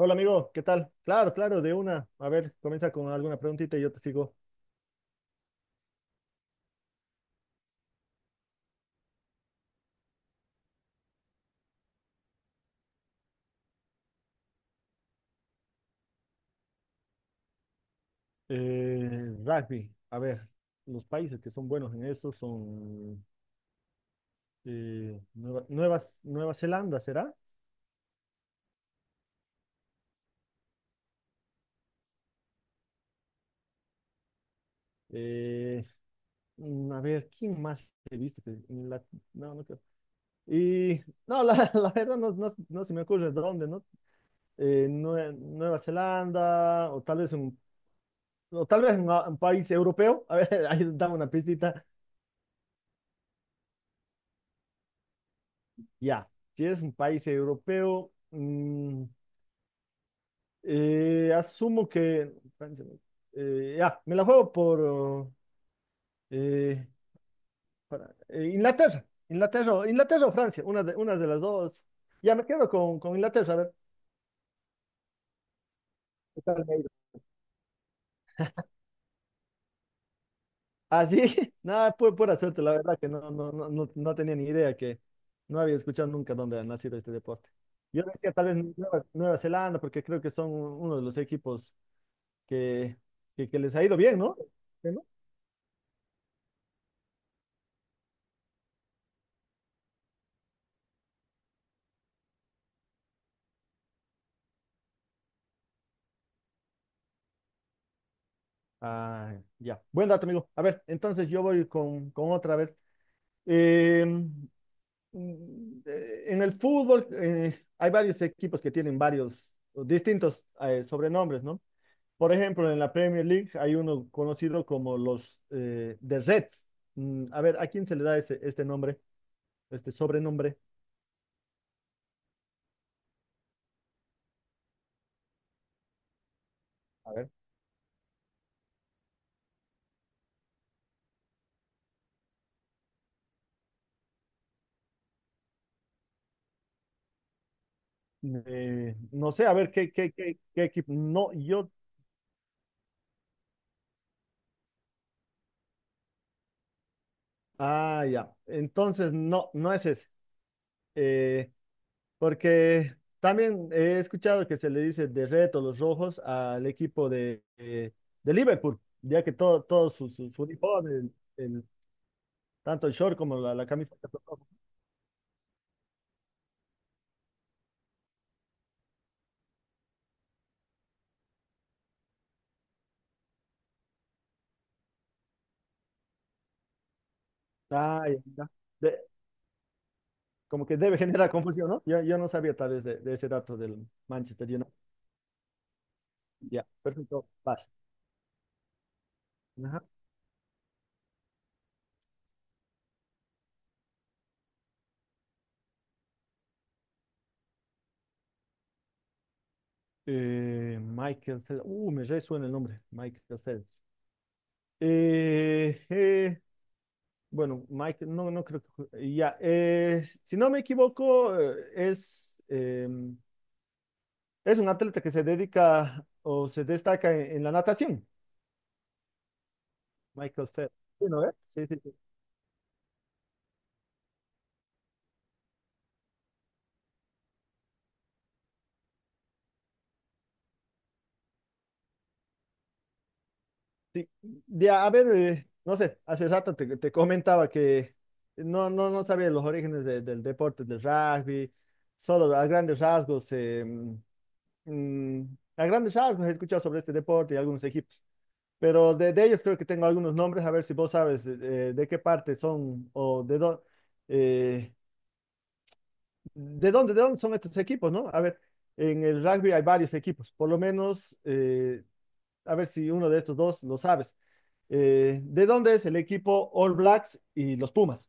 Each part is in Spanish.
Hola amigo, ¿qué tal? Claro, claro, de una. A ver, comienza con alguna preguntita y yo te sigo. Rugby, a ver, los países que son buenos en eso son Nueva Zelanda, ¿será? Eh, a ver, ¿quién más he visto? No, no creo. Y no, la, la verdad no, no, no se me ocurre dónde, ¿no? Nueva Zelanda o tal vez un, o tal vez un país europeo. A ver, ahí dame una pistita. Ya, si es un país europeo, asumo que... Francia, no. Ya, me la juego por eh, Inglaterra, Inglaterra o Francia, una de las dos. Ya me quedo con Inglaterra, a ver. ¿Qué tal me ha ido? Ah, sí, nada, pura suerte, la verdad que no, no, no, no, no tenía ni idea que no había escuchado nunca dónde ha nacido este deporte. Yo decía tal vez Nueva Zelanda, porque creo que son uno de los equipos que, que les ha ido bien, ¿no? Ah, ya. Buen dato, amigo. A ver, entonces yo voy con otra. A ver, Em, en el fútbol hay varios equipos que tienen varios o distintos sobrenombres, ¿no? Por ejemplo, en la Premier League hay uno conocido como los The Reds. Mm, a ver, ¿a quién se le da ese, este nombre, este sobrenombre? A ver. No sé, a ver, ¿qué, qué, qué, qué equipo? No, yo. Ah, ya. Entonces, no, no es ese. Eh, Porque también he escuchado que se le dice de reto los rojos al equipo de Liverpool, ya que todo, todos sus, sus uniformes, tanto el short como la camiseta son rojos. Ah, ya, ya. De- Como que debe generar confusión, ¿no? Yo no sabía tal vez de ese dato del Manchester United. Ya, perfecto. Vas. Ajá. Michael Phelps. Me resuena el nombre. Michael Phelps. Eh, eh, Bueno, Mike, no, no creo que... Ya, si no me equivoco, es un atleta que se dedica o se destaca en la natación, Michael Phelps. Sí, ¿no ve? Sí, sí, sí. Sí. De, a ver, no sé, hace rato te, te comentaba que no, no, no sabía los orígenes de- del deporte, del rugby, solo a grandes rasgos, mm, a grandes rasgos he escuchado sobre este deporte y algunos equipos. Pero de ellos creo que tengo algunos nombres, a ver si vos sabes de qué parte son o de, eh, de dónde son estos equipos, ¿no? A ver, en el rugby hay varios equipos, por lo menos, a ver si uno de estos dos lo sabes. ¿De dónde es el equipo All Blacks y los Pumas?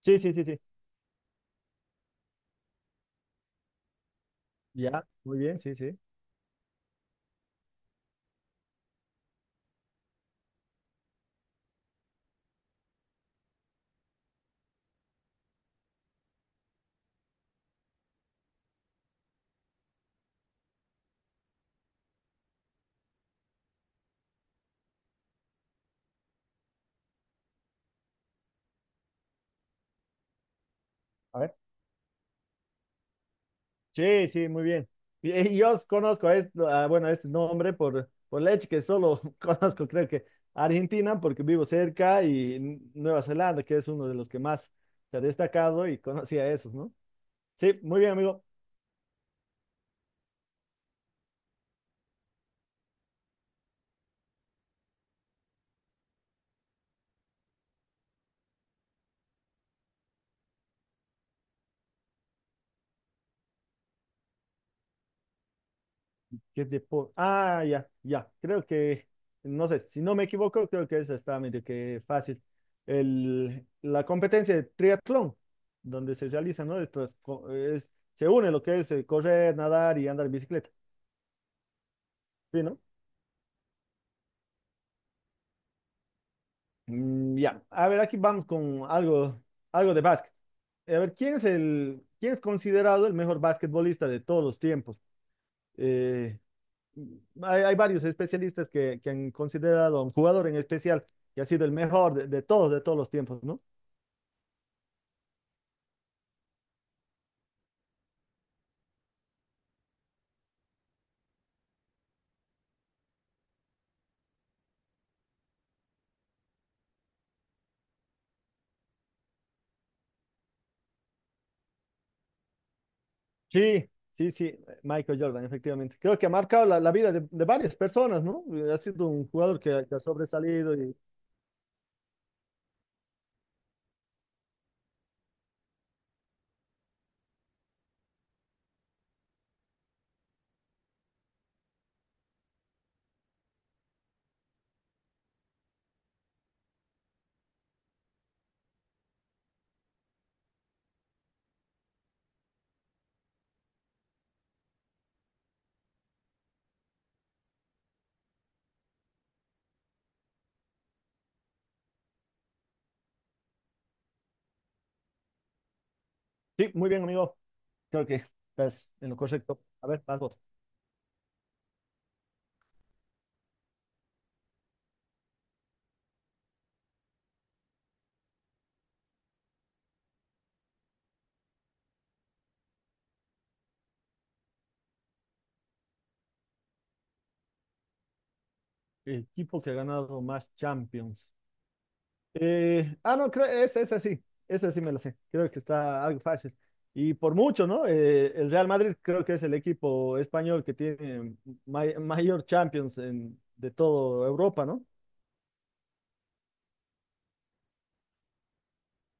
Sí, sí, sí, sí. Ya, muy bien, sí, sí. Sí, sí, muy bien. Y yo os conozco a este, a, bueno, a este nombre por leche, que solo conozco, creo que Argentina, porque vivo cerca, y Nueva Zelanda, que es uno de los que más se ha destacado y conocía a esos, ¿no? Sí, muy bien, amigo. ¿Qué tipo. Ah, ya, ya. Creo que, no sé, si no me equivoco, creo que esa está medio que fácil. El, la competencia de triatlón, donde se realiza, ¿no? Esto es, se une lo que es correr, nadar y andar en bicicleta. ¿Sí, no? Mm, ya, a ver, aquí vamos con algo, algo de básquet. A ver, ¿quién es el, quién es considerado el mejor basquetbolista de todos los tiempos? Eh, hay, hay varios especialistas que han considerado a un jugador en especial que ha sido el mejor de todos los tiempos, ¿no? Sí, sí, sí, Michael Jordan, efectivamente. Creo que ha marcado la, la vida de varias personas, ¿no? Ha sido un jugador que ha sobresalido y... Sí, muy bien, amigo. Creo que estás en lo correcto. A ver, vas vos. Equipo que ha ganado más Champions. No, creo, esa, esa sí me la sé. Creo que está algo fácil. Y por mucho, ¿no? El Real Madrid creo que es el equipo español que tiene mayor Champions de toda Europa, ¿no?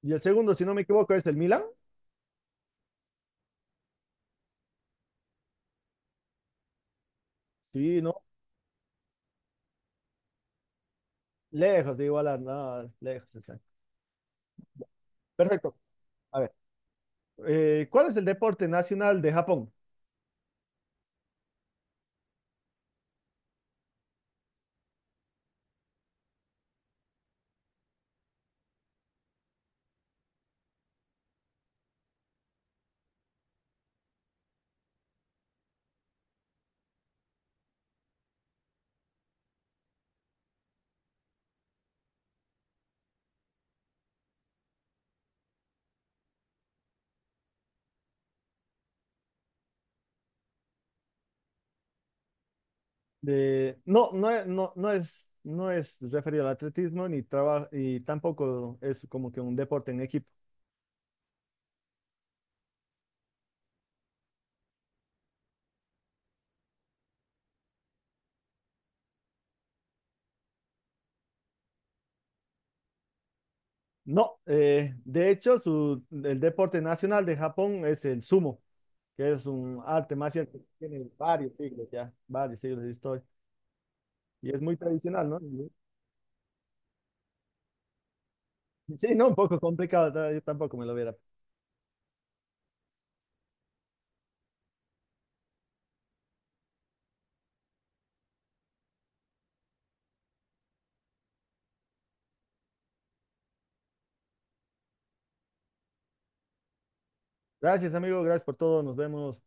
Y el segundo, si no me equivoco, es el Milan. Sí, ¿no? Lejos de igualar, no, lejos. Está. Perfecto. A ver, ¿cuál es el deporte nacional de Japón? De, no, no, no, no es, no es referido al atletismo ni y tampoco es como que un deporte en equipo. No, de hecho, su, el deporte nacional de Japón es el sumo, que es un arte marcial que tiene varios siglos ya, varios siglos de historia. Y es muy tradicional, ¿no? Y- Sí, no, un poco complicado, yo tampoco me lo hubiera. Gracias, amigo, gracias por todo, nos vemos.